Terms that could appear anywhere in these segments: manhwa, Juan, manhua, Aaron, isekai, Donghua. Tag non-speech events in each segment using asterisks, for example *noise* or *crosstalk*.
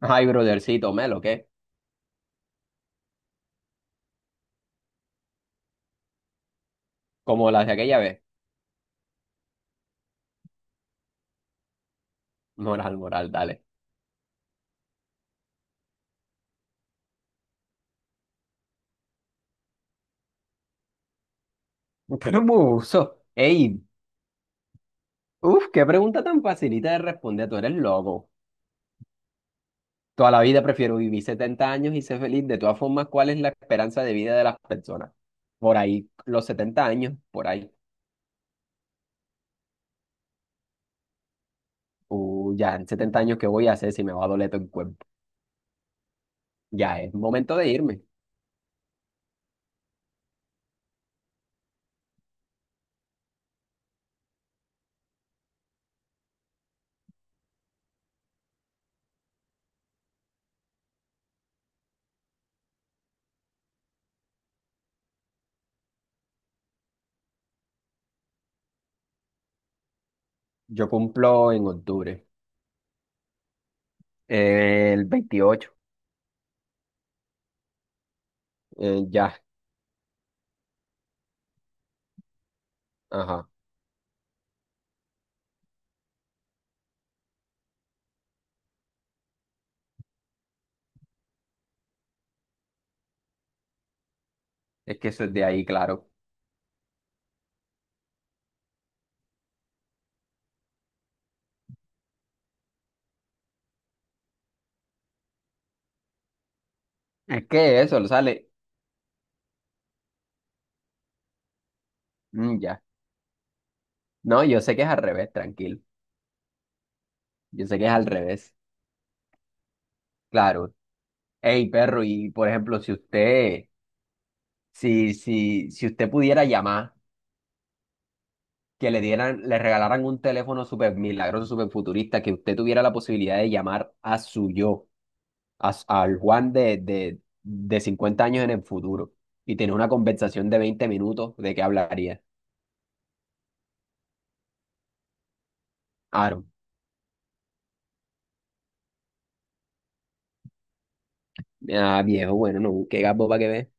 Ay, brothercito, Melo, ¿qué? Como las de aquella vez. Moral, moral, dale. ¿Cómo uso? Ey, qué pregunta tan facilita de responder. Tú eres loco. Toda la vida prefiero vivir 70 años y ser feliz. De todas formas, ¿cuál es la esperanza de vida de las personas? Por ahí, los 70 años, por ahí. Ya, en 70 años, ¿qué voy a hacer si me va a doler todo el cuerpo? Ya es momento de irme. Yo cumplo en octubre, el 28. Ya, ajá. Es que eso es de ahí, claro. Es que eso, lo sale. Mm, ya. No, yo sé que es al revés, tranquilo. Yo sé que es al revés, claro. Hey, perro, y por ejemplo, si usted pudiera llamar, que le dieran, le regalaran un teléfono súper milagroso, súper futurista, que usted tuviera la posibilidad de llamar a su yo, al Juan de 50 años en el futuro, y tener una conversación de 20 minutos, ¿de qué hablaría? Aaron, ah, viejo, bueno, no, qué gapo para que ve.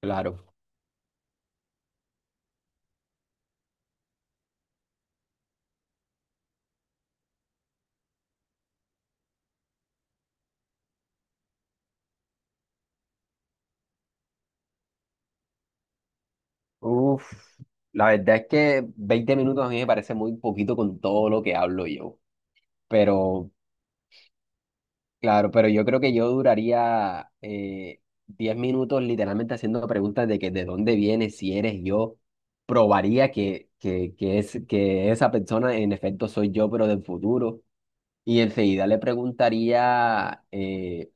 Claro. Uf, la verdad es que 20 minutos a mí me parece muy poquito con todo lo que hablo yo. Pero, claro, pero yo creo que yo duraría 10 minutos literalmente haciendo preguntas de que de dónde vienes, si eres yo. Probaría que esa persona en efecto soy yo, pero del futuro. Y enseguida le preguntaría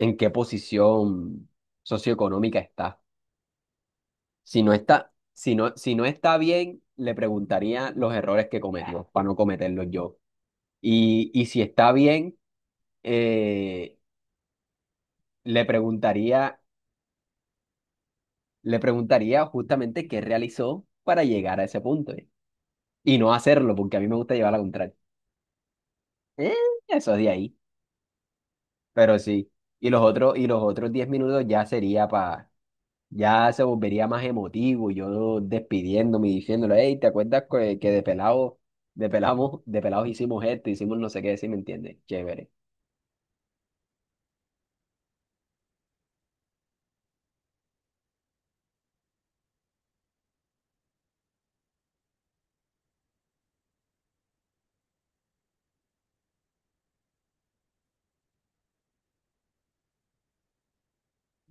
en qué posición socioeconómica está. Si no está bien, le preguntaría los errores que cometió para no cometerlos yo. Y si está bien, eh, le preguntaría, le preguntaría justamente qué realizó para llegar a ese punto. ¿Eh? Y no hacerlo, porque a mí me gusta llevar la contraria. Eh, eso es de ahí, pero sí. Y los otros 10 minutos ya sería para ya se volvería más emotivo, yo despidiéndome y diciéndole, hey, ¿te acuerdas que de pelado, de pelamos, de pelados hicimos esto, hicimos no sé qué, sí me entiendes? Chévere.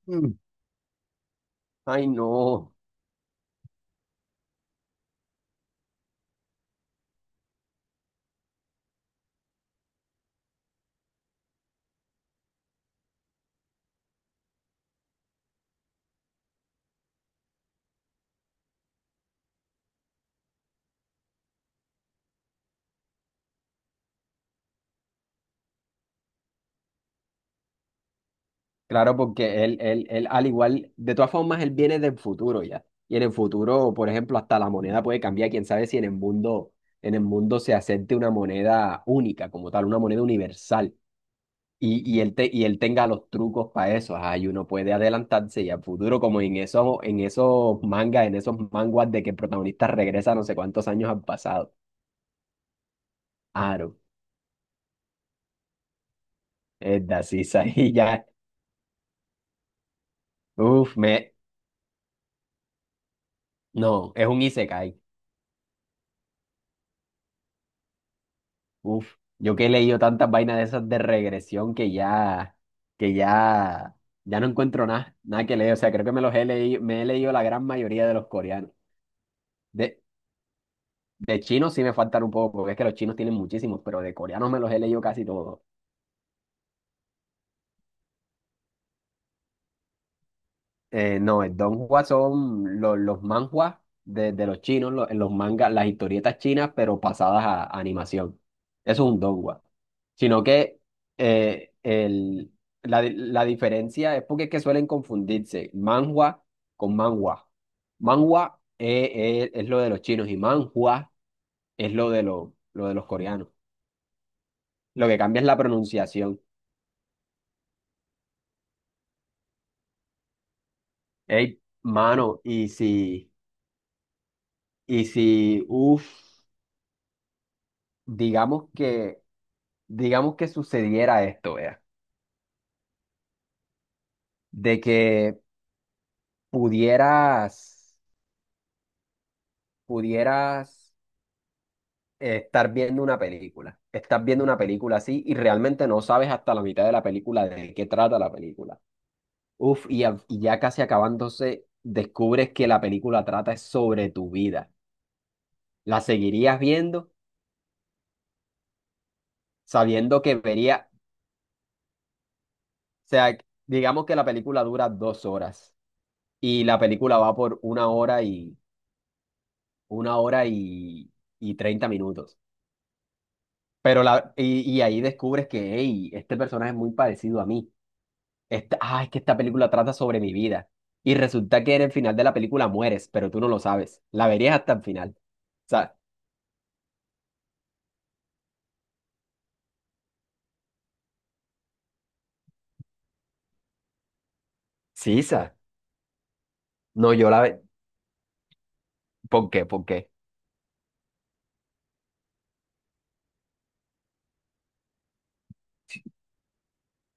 Mm. Ay, no. Claro, porque él, al igual, de todas formas, él viene del futuro ya. Y en el futuro, por ejemplo, hasta la moneda puede cambiar. Quién sabe si en el mundo, en el mundo se acepte una moneda única como tal, una moneda universal. Y él tenga los trucos para eso, ajá, y uno puede adelantarse y a futuro, como en esos mangas, en esos manguas de que el protagonista regresa no sé cuántos años al pasado. Aro, es de así, *laughs* ahí ya, uf, me, no, es un isekai, uf, yo que he leído tantas vainas de esas de regresión que ya, ya no encuentro nada, nada que leer, o sea, creo que me los he leído, me he leído la gran mayoría de los coreanos. De, De chinos sí me faltan un poco, porque es que los chinos tienen muchísimos, pero de coreanos me los he leído casi todos. No, el Donghua son los manhwas de los chinos, los mangas, las historietas chinas, pero pasadas a animación. Eso es un Donghua. Sino que eh, el, la diferencia es porque es que suelen confundirse manhwa con manhwa. Manhwa es, es lo de los chinos y manhua es lo de, lo de los coreanos. Lo que cambia es la pronunciación. Ey, mano, y si, uff, digamos que, digamos que sucediera esto, vea, de que pudieras, pudieras estar viendo una película, estás viendo una película así y realmente no sabes hasta la mitad de la película de qué trata la película. Uff, y ya casi acabándose, descubres que la película trata es sobre tu vida. ¿La seguirías viendo sabiendo que vería, o sea, digamos que la película dura dos horas? Y la película va por una hora y una hora y 30 minutos. Pero la, y ahí descubres que, hey, este personaje es muy parecido a mí. Esta, ah, es que esta película trata sobre mi vida. Y resulta que en el final de la película mueres, pero tú no lo sabes. La verías hasta el final. O sea, sí, Isa. No, yo la ve. ¿Por qué? ¿Por qué?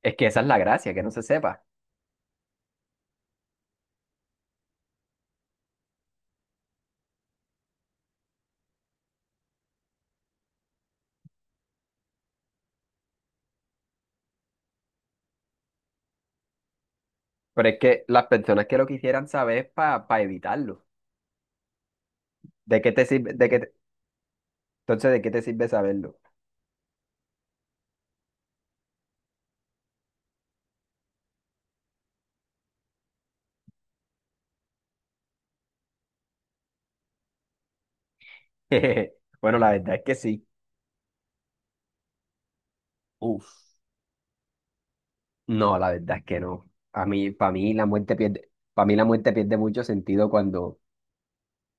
Es que esa es la gracia, que no se sepa. Pero es que las personas que lo quisieran saber es para evitarlo. ¿De qué te sirve? Entonces, ¿de qué te sirve saberlo? *laughs* Bueno, la verdad es que sí. Uf, no, la verdad es que no. A mí, para mí la muerte pierde mucho sentido cuando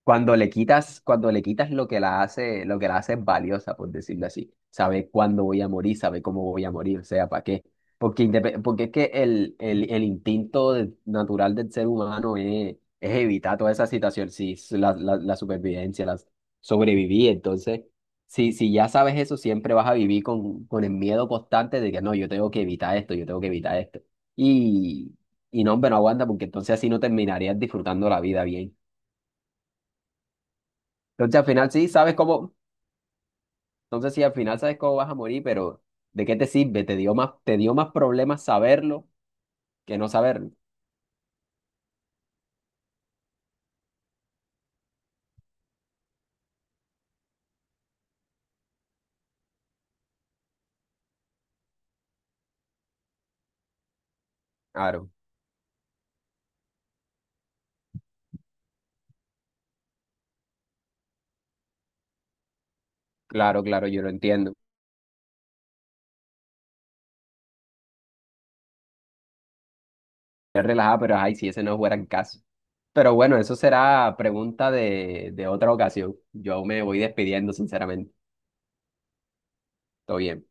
cuando le quitas lo que la hace, lo que la hace valiosa, por decirlo así. Sabe cuándo voy a morir, sabe cómo voy a morir, o sea, ¿para qué? Porque, porque es que el instinto natural del ser humano es evitar toda esa situación, sí, la supervivencia, la sobrevivir. Entonces, si ya sabes eso, siempre vas a vivir con el miedo constante de que no, yo tengo que evitar esto, yo tengo que evitar esto. Y, y no, hombre, no aguanta, porque entonces así no terminarías disfrutando la vida bien. Entonces al final sí sabes cómo, entonces sí al final sabes cómo vas a morir, pero ¿de qué te sirve? Te dio más problemas saberlo que no saberlo. Claro, claro, yo lo entiendo. Es relajada, pero ay, si ese no fuera el caso. Pero bueno, eso será pregunta de otra ocasión. Yo me voy despidiendo, sinceramente. Todo bien.